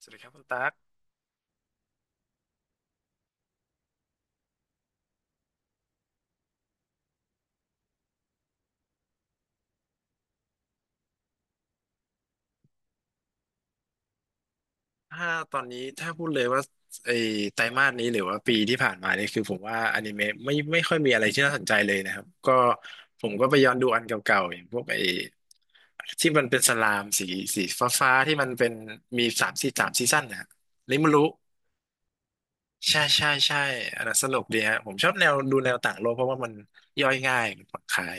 สวัสดีครับคุณตั๊กถ้าตอนนี้ถ้าพูดเลยว่าไอ้ไตรมาสนี้หรือว่าปีที่ผ่านมาเนี่ยคือผมว่าอนิเมะไม่ค่อยมีอะไรที่น่าสนใจเลยนะครับก็ผมก็ไปย้อนดูอันเก่าๆอย่างพวกไอ้ที่มันเป็นสลามสีฟ้าๆที่มันเป็นมีสามซีซั่นนะริมารุใช่อันนั้นสนุกดีฮะผมชอบแนวดูแนวต่างโลกเพราะว่ามันย่อยง่ายมันผ่อนคลาย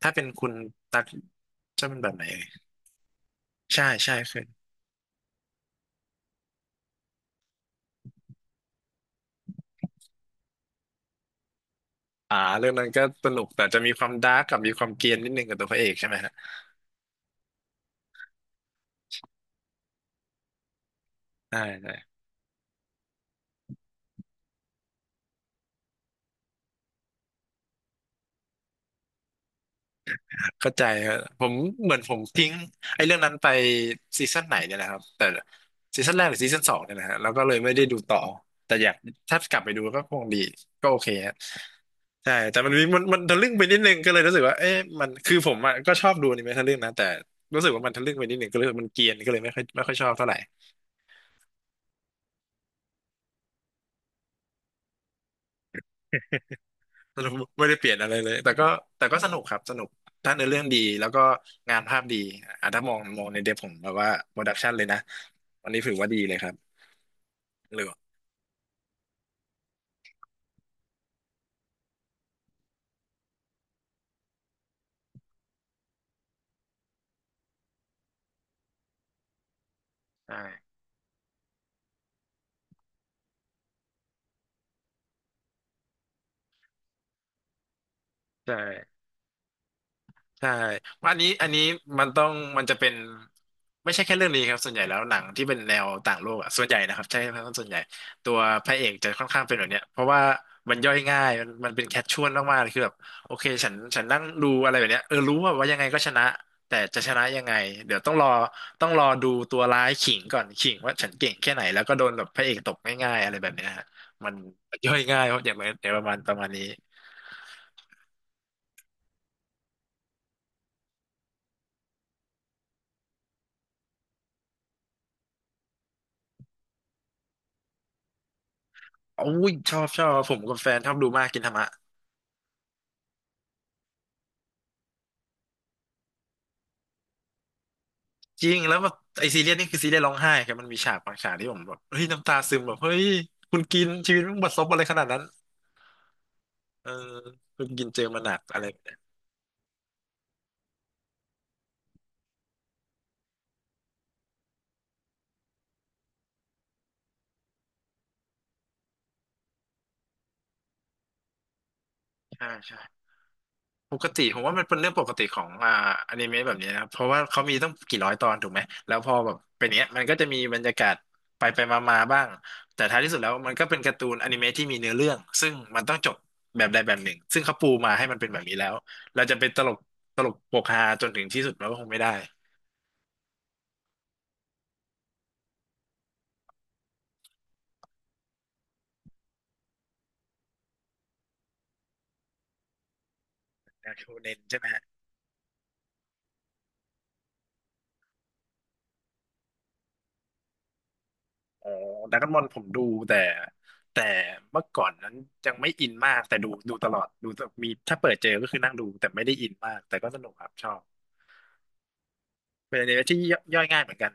ถ้าเป็นคุณตั๊กชอบเป็นแบบไหนเอ่ยใช่ใช่เคย เรื่องนั้นก็สนุกแต่จะมีความดาร์กกับมีความเกรียนนิดนึงกับตัวพระเอกใช่ไหมฮะใช่ใช่เข้าใจครับผมเหมือนผมทิ้งไอ้เรื่องนั้นไปซีซั่นไหนเนี่ยนะครับแต่ซีซั่นแรกหรือซีซั่นสองเนี่ยนะฮะแล้วก็เลยไม่ได้ดูต่อแต่อยากถ้ากลับไปดูก็คงดีก็โอเคฮะใช่แต่มันมีมันทะลึ่งไปนิดนึงก็เลยรู้สึกว่าเอ๊ะมันคือผมอะก็ชอบดูอนิเมะทะลึ่งนะแต่รู้สึกว่ามันทะลึ่งไปนิดนึงก็เลยมันเกรียนก็เลยไม่ค่อยชอบเท่าไหร่ สนุกไม่ได้เปลี่ยนอะไรเลย แต่ก็สนุกครับสนุกถ้าเนื้อเรื่องดีแล้วก็งานภาพดีอ่ะถ้ามองในเดบผมแบบว่าโปรดักชันเลยนะวันนี้ถือว่าดีเลยครับเหลือใช่ใช่ ใช่ว่าอันนี้มันต้องมันจะเป็นไม่ใช่แค่เรื่องนี้ครับส่วนใหญ่แล้วหนังที่เป็นแนวต่างโลกอะส่วนใหญ่นะครับใช่ครับส่วนใหญ่ตัวพระเอกจะค่อนข้างเป็นแบบเนี้ยเพราะว่ามันย่อยง่ายมันเป็นแคชชวลมากๆเลยคือแบบโอเคฉันนั่งดูอะไรแบบเนี้ยเออรู้ว่ายังไงก็ชนะแต่จะชนะยังไงเดี๋ยวต้องรอดูตัวร้ายขิงก่อนขิงว่าฉันเก่งแค่ไหนแล้วก็โดนแบบพระเอกตกง่ายๆอะไรแบบเนี้ยฮะมันย่อยง่ายเพราะอย่างไรอย่างประมาณนี้อุ้ยชอบผมกับแฟนชอบดูมากกินธรรมะ จริงแล้วแบบไอซีเรียสนี่คือซีเรียสร้องไห้ครับมันมีฉากบางฉากที่ผมแบบเฮ้ยน้ำตาซึมแบบเฮ้ยคุณกินชีวิตมึงบัดซบอะไรขนาดนั้นเออคุณกินเจอมาหนักอะไรแบบนี้ใช่ใช่ปกติผมว่ามันเป็นเรื่องปกติของอนิเมะแบบนี้นะครับเพราะว่าเขามีต้องกี่ร้อยตอนถูกไหมแล้วพอแบบเป็นเงี้ยมันก็จะมีบรรยากาศไปมาบ้างแต่ท้ายที่สุดแล้วมันก็เป็นการ์ตูนอนิเมะที่มีเนื้อเรื่องซึ่งมันต้องจบแบบใดแบบหนึ่งซึ่งเขาปูมาให้มันเป็นแบบนี้แล้วเราจะเป็นตลกโปกฮาจนถึงที่สุดเราก็คงไม่ได้นะโชเนนใช่ไหม อ๋อดราก้อนบอลผมดูแต่แต่เมื่อก่อนนั้นยังไม่อินมากแต่ดูตลอดดูมีถ้าเปิดเจอก็คือนั่งดูแต่ไม่ได้อินมากแต่ก็สนุกครับชอบเป็นอนิเมะที่ย่อยง่ายเหมือนกัน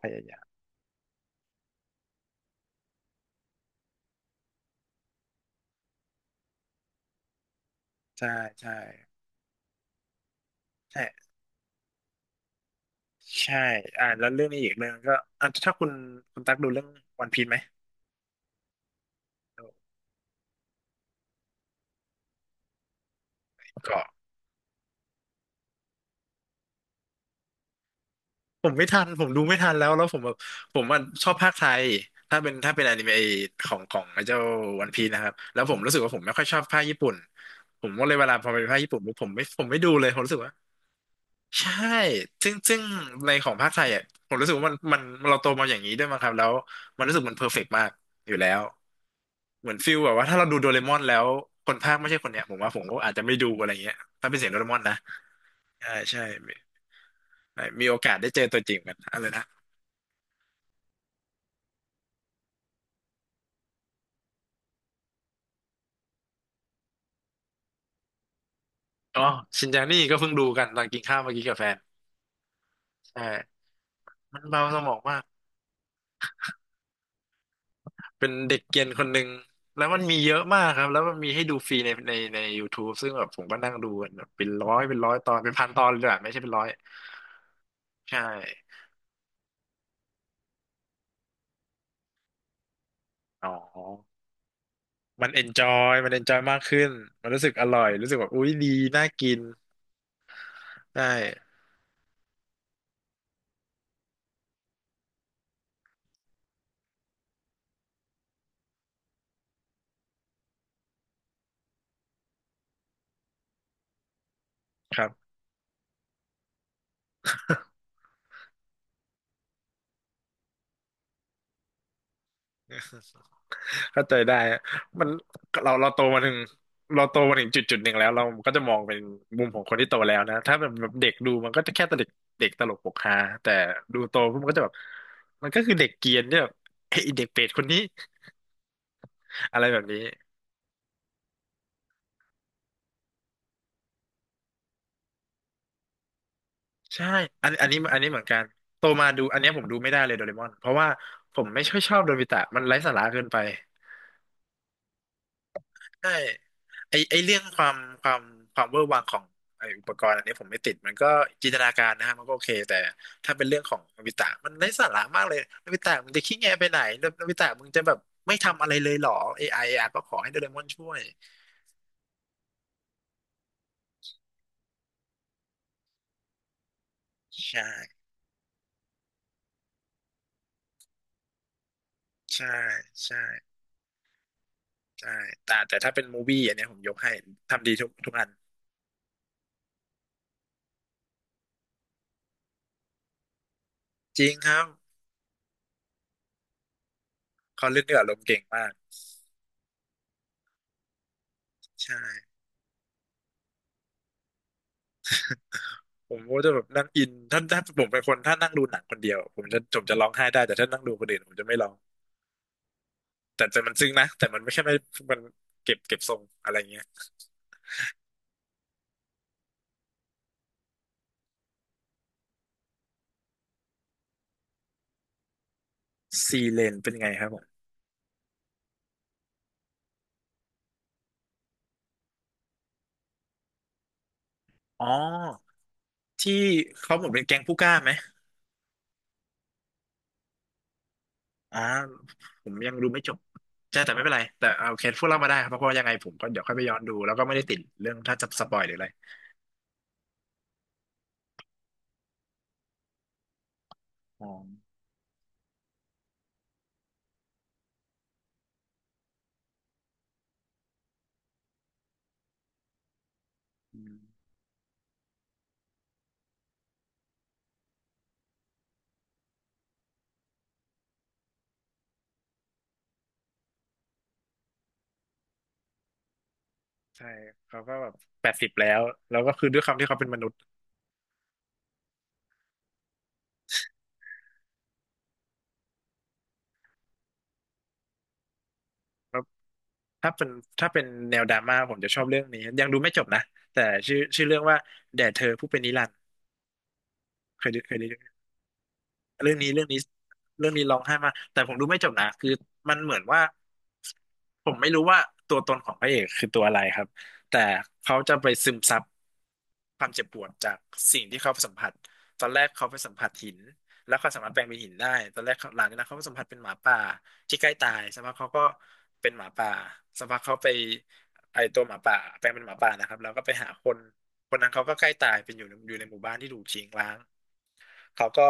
พยายามใช่ใช่ใช่ใช่อ่าแล้วเรื่องนี้อีกเรื่องก็อ่ะถ้าคุณตักดูเรื่องวันพีซไหมดูเกาะ ผมไม่ทันผมดูไม่ทันแล้วผมแบบผมว่าชอบภาคไทยถ้าเป็นอนิเมะของไอ้เจ้าวันพีนะครับแล้วผมรู้สึกว่าผมไม่ค่อยชอบภาคญี่ปุ่นผมก็เลยเวลาพอเป็นภาคญี่ปุ่นปุ๊บผมไม่ดูเลยผมรู้สึกว่าใช่ซึ่งในของภาคไทยอ่ะผมรู้สึกว่ามันเราโตมาอย่างนี้ด้วยมั้งครับแล้วมันรู้สึกมันเพอร์เฟกต์มากอยู่แล้วเหมือนฟิลแบบว่าถ้าเราดูโดเรมอนแล้วคนภาคไม่ใช่คนเนี้ยผมก็อาจจะไม่ดูอะไรเงี้ยถ้าเป็นเสียงโดเรมอนนะใช่ใช่มีมีโอกาสได้เจอตัวจริงกันอะไรนะ อ๋อชินจานี่ก็เพิ่งดูกันตอนกินข้าวเมื่อกี้กับแฟนใช่มันเบาสมองมากเป็นเด็กเกรียนคนหนึ่งแล้วมันมีเยอะมากครับแล้วมันมีให้ดูฟรีใน YouTube ซึ่งแบบผมก็นั่งดูกันแบบเป็นร้อยตอนเป็นพันตอนเลยอะไม่ใช่เป็นร้อยใช่อ๋อมันเอนจอยมากขึ้นมันรู้สึกอร่อยรู้สึกแบบอุ๊ยดีน่ากินได้ครับ เข้าใจได้ฮะมันเราโตมาถึงเราโตมาถึงจุดหนึ่งแล้วเราก็จะมองเป็นมุมของคนที่โตแล้วนะถ้าแบบเด็กดูมันก็จะแค่ตลกเด็กตลกปกฮาแต่ดูโตปุ๊บมันก็จะแบบมันก็คือเด็กเกรียนที่แบบเฮ้ยไอ้เด็กเปรตคนนี้อะไรแบบนี้ใช่อันนี้อันนี้เหมือนกันโตมาดูอันเนี้ยผมดูไม่ได้เลยโดเรมอนเพราะว่าผมไม่ค่อยชอบโดบิตะมันไร้สาระเกินไป ใช่ไอเรื่องความความเวอร์วังของไออุปกรณ์อันนี้ผมไม่ติดมันก็จินตนาการนะฮะมันก็โอเคแต่ถ้าเป็นเรื่องของโนบิตะมันไร้สาระมากเลยโนบิตะมึงจะขี้แงไปไหนโนบิตะมึงจะแบบไม่ทำอะไรเลยเหรอเอไออะก็ขอให้โดเรมอนช่วยใช่ใช่ใช่ใช่แต่ถ้าเป็นมูวี่อันเนี้ยผมยกให้ทำดีทุกอันจริงครับเขาเล่นด้วยอารมณ์เก่งมากใช่ผมก็จะแบบนั่งอินถ้าผมเป็นคนถ้านั่งดูหนังคนเดียวผมจะร้องไห้ได้แต่ถ้านั่งดูคนอื่นผมจะไม่ร้อง แต่มันซึ้งนะแต่มันไม่ใช่ไม่มันเก็บทรงอะไรเงี้ยซีเลนเป็นไงครับผมอ๋อที่เขาเหมือนเป็นแก๊งผู้กล้าไหมอ่าผมยังดูไม่จบใช่แต่ไม่เป็นไรแต่เอาโอเคพูดเล่ามาได้ครับเพราะว่ายังไงผมก็เดี๋ยวค่อยไปย้อนดูแล้วก็ไม่ได้ติดเรื่องถ้าจะสปอยหรืออะไรอ๋ออืมใช่เขาก็แบบ80แล้วแล้วก็คือด้วยความที่เขาเป็นมนุษย์แล้วถ้าเป็นถ้าเป็นแนวดราม่าผมจะชอบเรื่องนี้ยังดูไม่จบนะแต่ชื่อเรื่องว่าแด่เธอผู้เป็นนิรันดร์เคยดูเคยดู เรื่องนี้เรื่องนี้ร้องไห้มากแต่ผมดูไม่จบนะคือมันเหมือนว่าผมไม่รู้ว่าตัวตนของพระเอกคือตัวอะไรครับแต่เขาจะไปซึมซับ ความเจ็บปวดจากสิ่งที่เขาสัมผัสตอนแรกเขาไปสัมผัสหินแล้วเขาสามารถแปลงเป็นหินได้ตอนแรกเขาหลังจากนั้นเขาไปสัมผัสเป็นหมาป่าที่ใกล้ตายสักพักเขาก็เป็นหมาป่าสักพักเขาไปไอตัวหมาป่าแปลงเป็นหมาป่านะครับแล้วก็ไปหาคนคนนั้นเขาก็ใกล้ตายเป็นอยู่ในหมู่บ้านที่ถูกทิ้งร้างเขาก็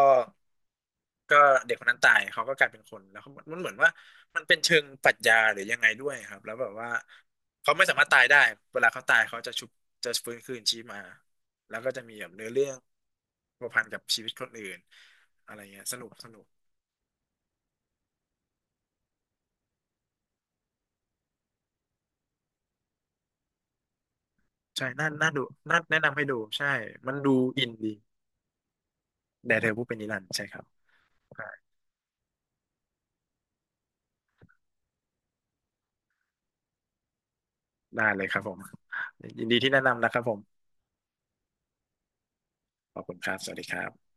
ก็เด็กคนนั้นตายเขาก็กลายเป็นคนแล้วเขามันเหมือนว่ามันเป็นเชิงปรัชญาหรือยังไงด้วยครับแล้วแบบว่าเขาไม่สามารถตายได้เวลาเขาตายเขาจะชุบจะฟื้นคืนชีพมา แล้วก็จะมีแบบเนื้อเรื่องผัวพันกับชีวิตคนอื่นอะไรเงี้ยสนุกสนุกใช่น่าดูน่าแนะนำให้ดูใช่ มันดูอินดีแด่เธอผู้เป็นนิรันดร์ใช่ครับได้เลยครับผมยินดีที่แนะนำนะครับผมขอบคุณครับสวัสดีครับ